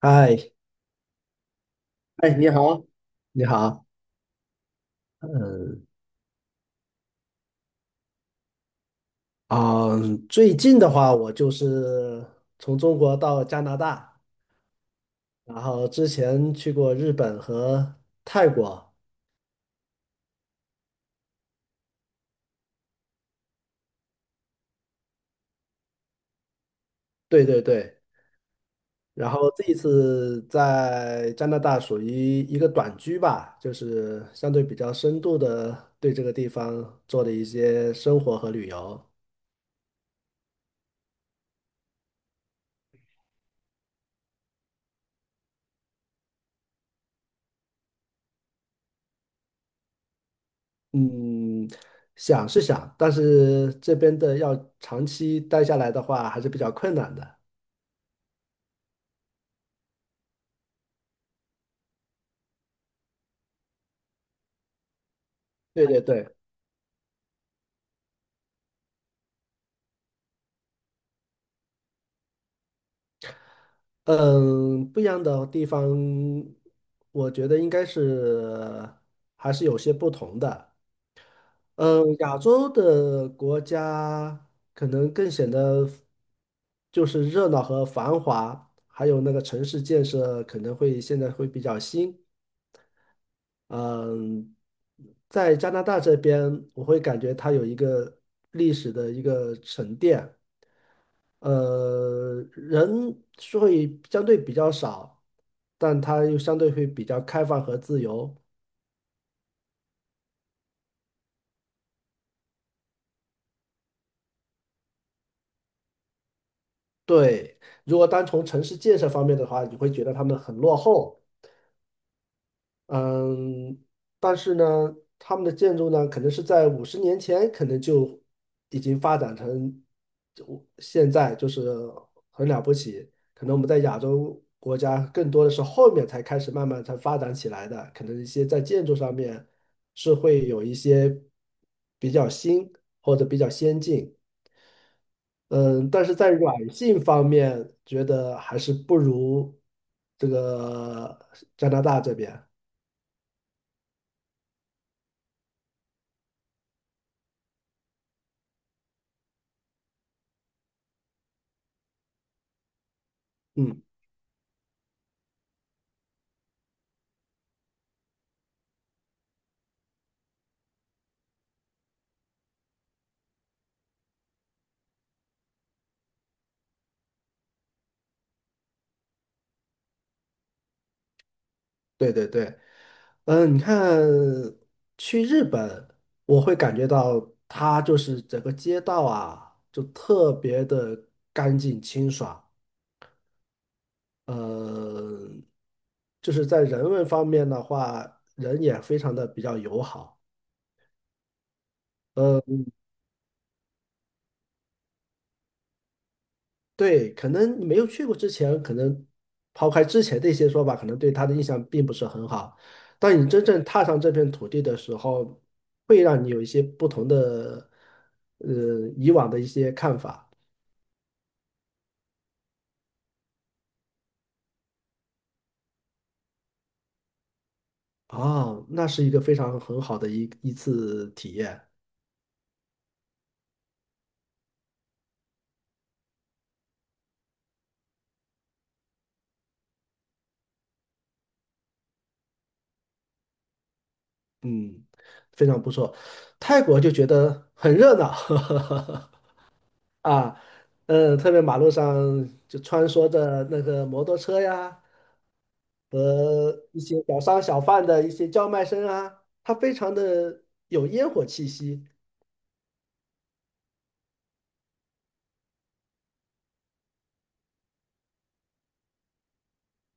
嗨，哎，你好，你好，嗯啊，最近的话，我就是从中国到加拿大，然后之前去过日本和泰国。对对对，然后这一次在加拿大属于一个短居吧，就是相对比较深度的对这个地方做的一些生活和旅游。嗯，想是想，但是这边的要长期待下来的话，还是比较困难的。对对对。嗯，不一样的地方，我觉得应该是还是有些不同的。嗯，亚洲的国家可能更显得就是热闹和繁华，还有那个城市建设可能会现在会比较新。嗯，在加拿大这边，我会感觉它有一个历史的一个沉淀。人是会相对比较少，但它又相对会比较开放和自由。对，如果单从城市建设方面的话，你会觉得他们很落后。嗯，但是呢，他们的建筑呢，可能是在50年前，可能就已经发展成就现在，就是很了不起。可能我们在亚洲国家，更多的是后面才开始慢慢才发展起来的。可能一些在建筑上面是会有一些比较新或者比较先进，嗯，但是在软性方面，觉得还是不如这个加拿大这边。嗯。对对对，嗯，你看去日本，我会感觉到它就是整个街道啊，就特别的干净清爽。呃，就是在人文方面的话，人也非常的比较友好。对，可能你没有去过之前，可能抛开之前的一些说法，可能对他的印象并不是很好。当你真正踏上这片土地的时候，会让你有一些不同的，呃，以往的一些看法。啊，那是一个非常很好的一次体验。嗯，非常不错。泰国就觉得很热闹，啊，嗯，特别马路上就穿梭着那个摩托车呀，和一些小商小贩的一些叫卖声啊，它非常的有烟火气息。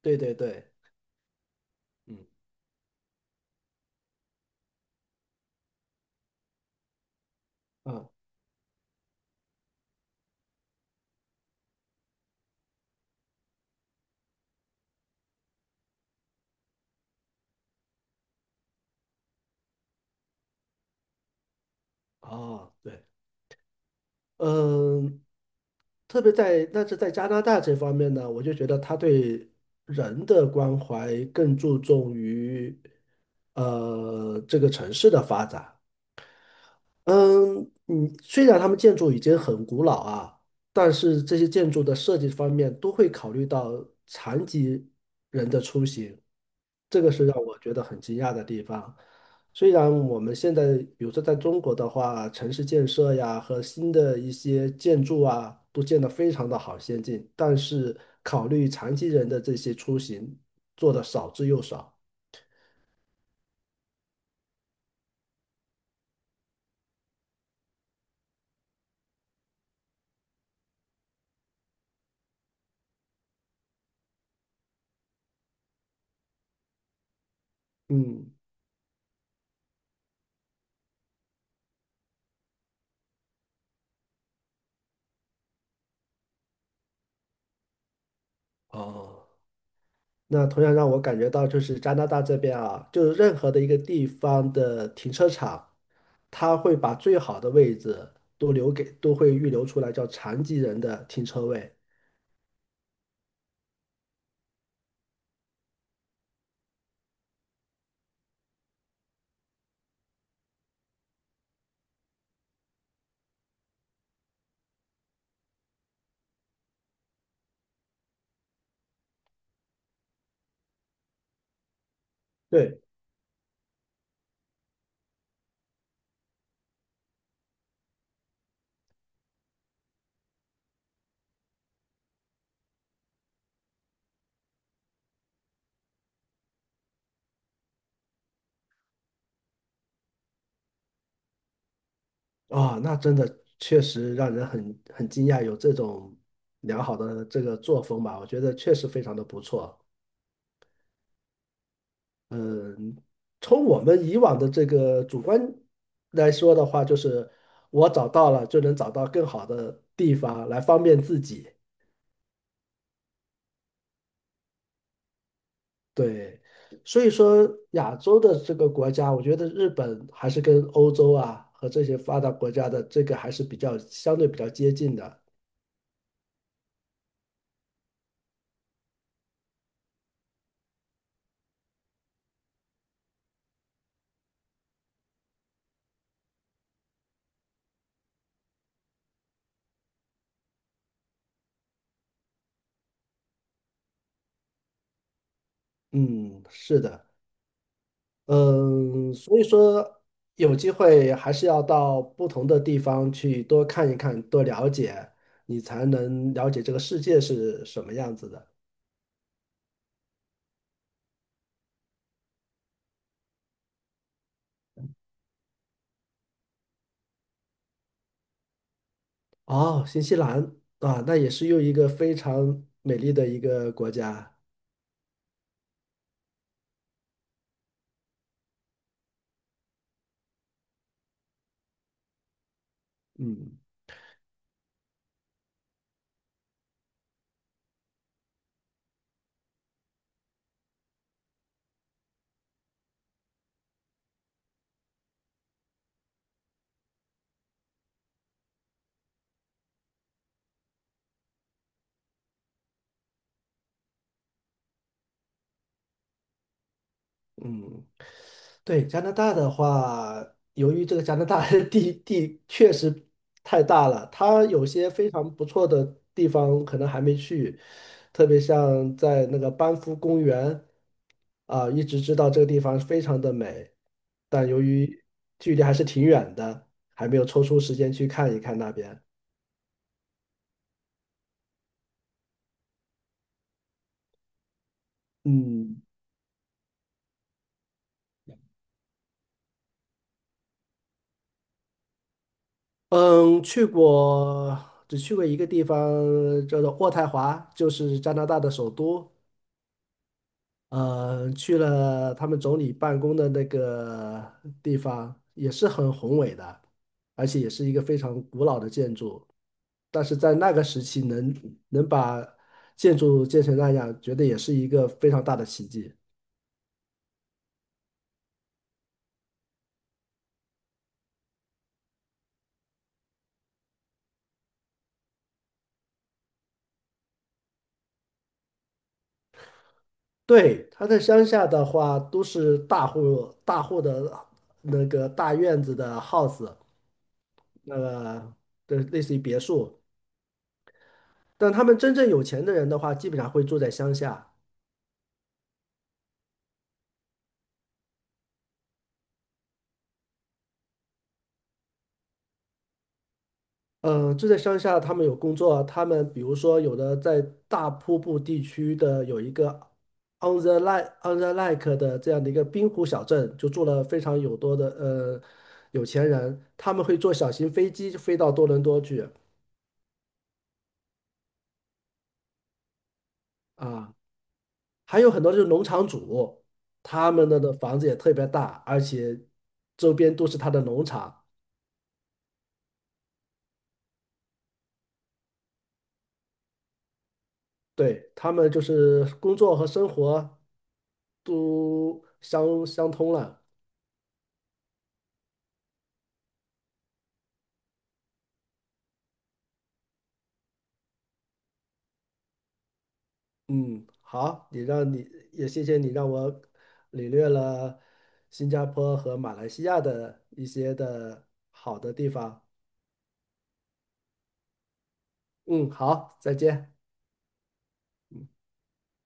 对对对，嗯啊哦对。嗯，特别在但是在加拿大这方面呢，我就觉得他对人的关怀更注重于这个城市的发展。嗯，嗯，虽然他们建筑已经很古老啊，但是这些建筑的设计方面都会考虑到残疾人的出行，这个是让我觉得很惊讶的地方。虽然我们现在，比如说在中国的话，城市建设呀和新的一些建筑啊，都建得非常的好先进，但是考虑残疾人的这些出行做的少之又少。嗯。哦。那同样让我感觉到，就是加拿大这边啊，就是任何的一个地方的停车场，它会把最好的位置都留给，都会预留出来，叫残疾人的停车位。对。啊，那真的确实让人很惊讶，有这种良好的这个作风吧，我觉得确实非常的不错。从我们以往的这个主观来说的话，就是我找到了就能找到更好的地方来方便自己。对，所以说亚洲的这个国家，我觉得日本还是跟欧洲啊和这些发达国家的这个还是比较相对比较接近的。嗯，是的。嗯，所以说有机会还是要到不同的地方去多看一看，多了解，你才能了解这个世界是什么样子的。哦，新西兰啊，那也是又一个非常美丽的一个国家。嗯。嗯，对，加拿大的话，由于这个加拿大的 地确实太大了，它有些非常不错的地方可能还没去，特别像在那个班夫公园啊，一直知道这个地方非常的美，但由于距离还是挺远的，还没有抽出时间去看一看那边。嗯嗯，去过，只去过一个地方，叫做渥太华，就是加拿大的首都。去了他们总理办公的那个地方，也是很宏伟的，而且也是一个非常古老的建筑。但是在那个时期能把建筑建成那样，觉得也是一个非常大的奇迹。对，他在乡下的话，都是大户大户的那个大院子的 house，那个的类似于别墅。但他们真正有钱的人的话，基本上会住在乡下。住在乡下，他们有工作啊，他们比如说有的在大瀑布地区的有一个 On the Lake 的这样的一个滨湖小镇，就住了非常有多的有钱人，他们会坐小型飞机飞到多伦多去啊，还有很多就是农场主，他们的房子也特别大，而且周边都是他的农场，对，他们就是工作和生活都相通了。嗯，好，你也谢谢你让我领略了新加坡和马来西亚的一些的好的地方。嗯，好，再见。